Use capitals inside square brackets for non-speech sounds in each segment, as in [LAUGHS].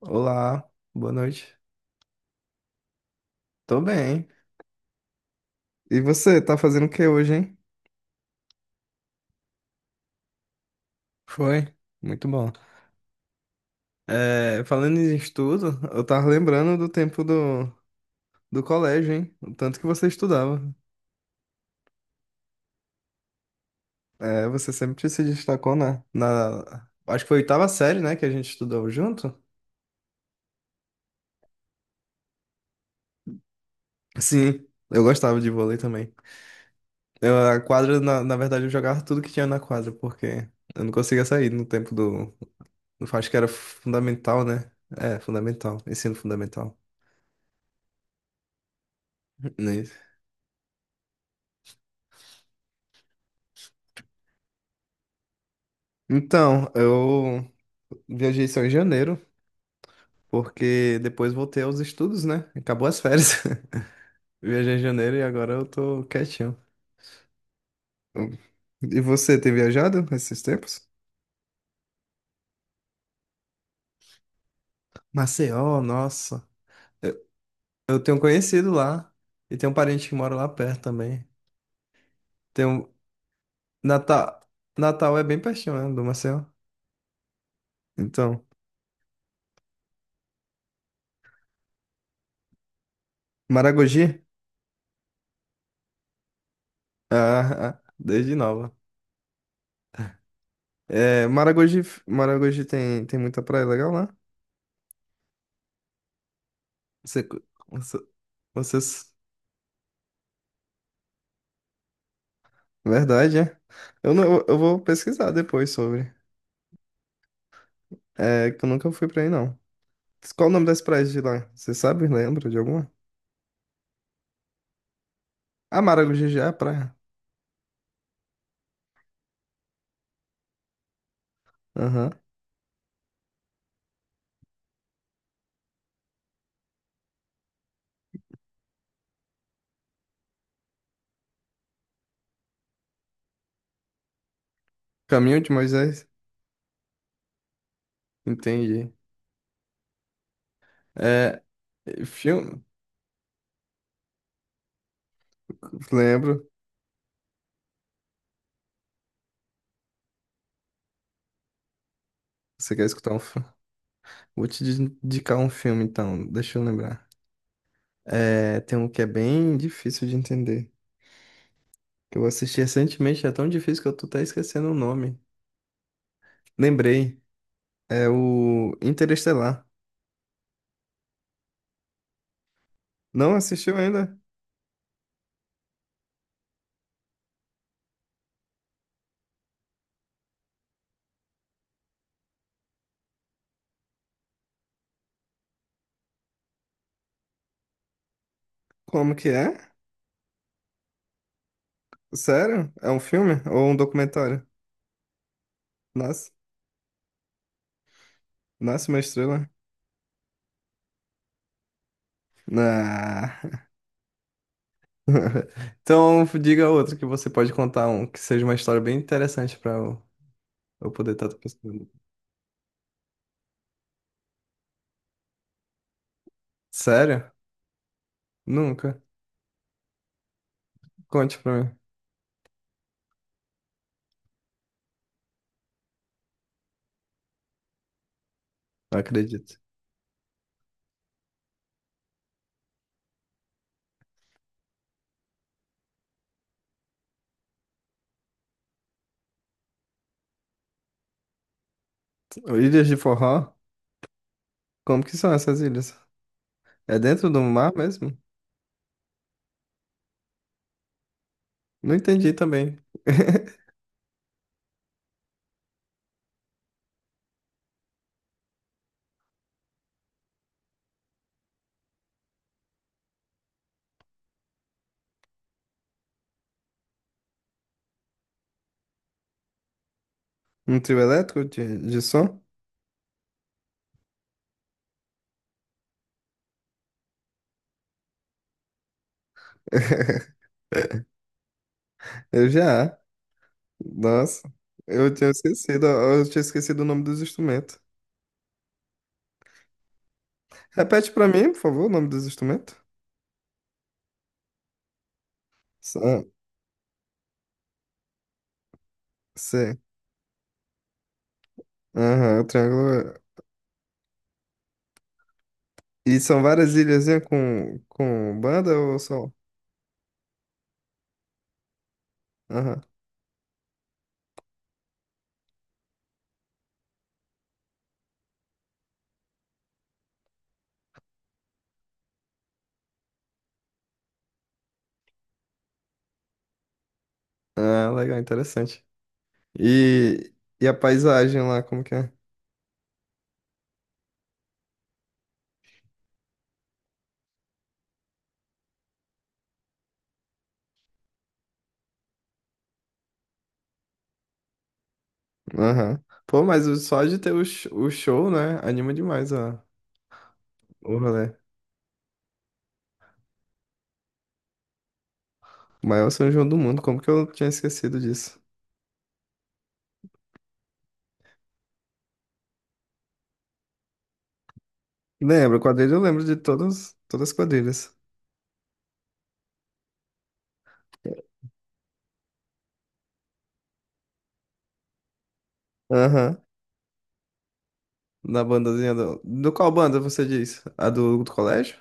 Olá, boa noite. Tô bem. E você, tá fazendo o que hoje, hein? Foi, muito bom. É, falando em estudo, eu tava lembrando do tempo do colégio, hein? O tanto que você estudava. É, você sempre se destacou na... Acho que foi a oitava série, né, que a gente estudou junto? Sim, eu gostava de vôlei também. Eu, a quadra, na verdade, eu jogava tudo que tinha na quadra, porque eu não conseguia sair no tempo do... Acho que era fundamental, né? É, fundamental, ensino fundamental. Né. Então, eu viajei só em janeiro, porque depois voltei aos estudos, né? Acabou as férias. [LAUGHS] Viajei em janeiro e agora eu tô quietinho. E você, tem viajado esses tempos? Maceió, nossa. Eu eu tenho um conhecido lá e tem um parente que mora lá perto também. Tem um... Natal... Natal é bem pertinho, né, do Maceió. Então, Maragogi? Ah, [LAUGHS] ah, desde nova. É, Maragogi, Maragogi tem, muita praia legal. Você, você, vocês- Verdade, é? Eu não, eu vou pesquisar depois sobre. É que eu nunca fui pra aí, não. Qual o nome das praias de lá? Você sabe? Lembra de alguma? Ah, Maragogi é a praia. Aham. Caminho de Moisés? Entendi. É, filme? Lembro. Você quer escutar um filme? Vou te indicar um filme, então. Deixa eu lembrar. É, tem um que é bem difícil de entender. Que eu assisti recentemente, é tão difícil que eu tô até esquecendo o nome. Lembrei. É o Interestelar. Não assistiu ainda? Como que é? Sério? É um filme ou um documentário? Nasce, nasce uma estrela. Ah. [LAUGHS] Então diga outro que você pode contar um que seja uma história bem interessante pra eu poder estar pensando. Sério? Nunca. Conte pra mim. Não acredito. Ilhas de Forró? Como que são essas ilhas? É dentro do mar mesmo? Não entendi também. Um trio elétrico de som? [LAUGHS] Eu já. Nossa, eu tinha esquecido o nome dos instrumentos. Repete pra mim, por favor, o nome dos instrumentos. São, sei. Aham, o triângulo. E são várias ilhazinhas com banda ou só? Aham. Ah, legal, interessante. E, e a paisagem lá, como que é? Aham. Pô, mas só de ter o show, né? Anima demais, ó. O rolê. O maior São João do mundo, como que eu tinha esquecido disso? Lembro, quadrilha eu lembro de todas, todas as quadrilhas. Aham. Na bandazinha do... Do qual banda você diz? A do colégio?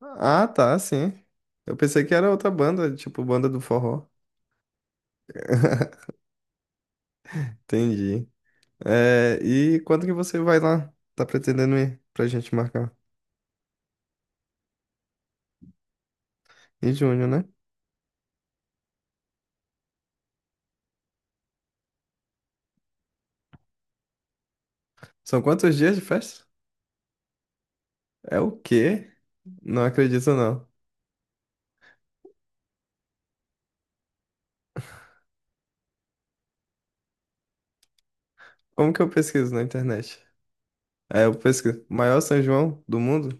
Ah, tá, sim. Eu pensei que era outra banda, tipo banda do forró. [LAUGHS] Entendi. É, e quando que você vai lá? Tá pretendendo ir pra gente marcar? Em junho, né? São quantos dias de festa? É o quê? Não acredito, não. Como que eu pesquiso na internet? É, eu pesquiso. Maior São João do mundo?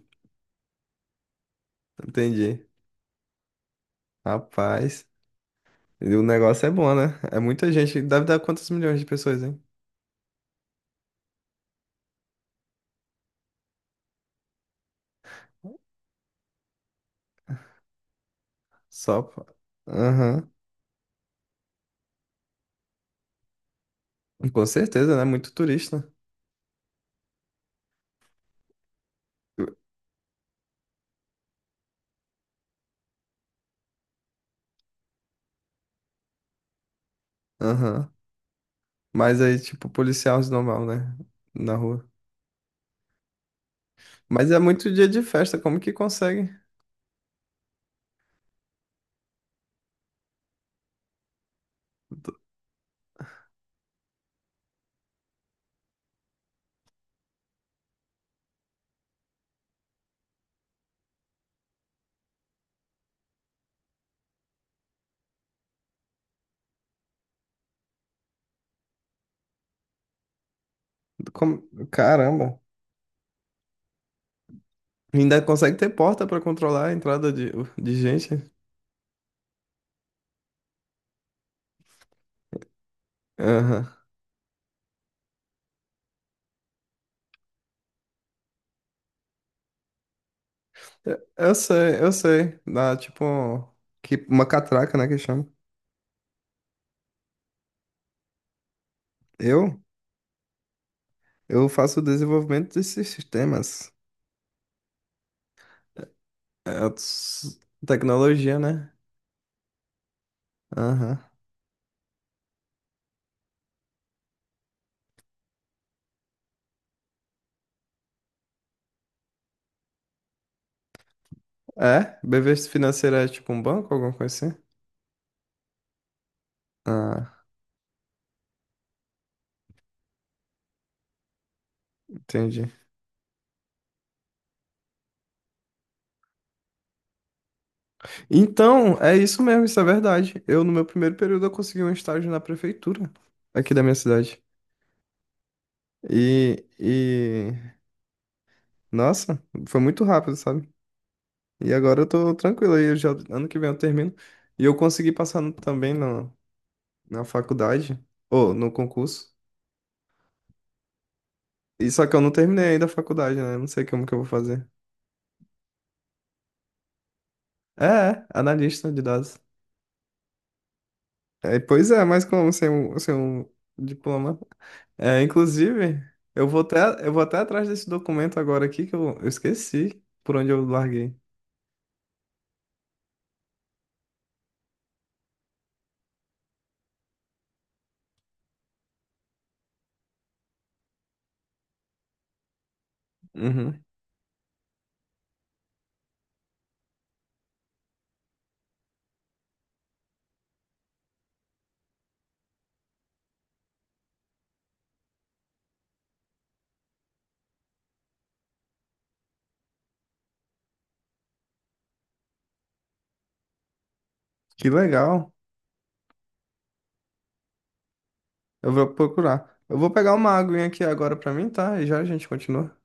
Entendi. Rapaz, e o negócio é bom, né? É muita gente. Deve dar quantos milhões de pessoas, hein? Só. Aham. Com certeza, né? Muito turista. Aham. Mas aí, tipo, policial normal, né? Na rua. Mas é muito dia de festa, como que consegue? Caramba. Ainda consegue ter porta pra controlar a entrada de gente? Aham. Eu sei, eu sei. Dá tipo que, uma catraca, né, que chama. Eu, eu faço o desenvolvimento desses sistemas. É, tecnologia, né? Aham. É? BV financeira é tipo um banco, alguma coisa assim? Ah, entendi. Então, é isso mesmo, isso é verdade. Eu, no meu primeiro período, eu consegui um estágio na prefeitura aqui da minha cidade. E, e... Nossa, foi muito rápido, sabe? E agora eu tô tranquilo aí, eu já, ano que vem eu termino. E eu consegui passar também na faculdade, ou no concurso. E só que eu não terminei ainda a faculdade, né? Eu não sei como que eu vou fazer. É, é, analista de dados. É, pois é, mas como ser um diploma? É, inclusive, eu vou até atrás desse documento agora aqui que eu esqueci por onde eu larguei. Uhum. Que legal. Eu vou procurar. Eu vou pegar uma aguinha aqui agora pra mim, tá? E já a gente continua.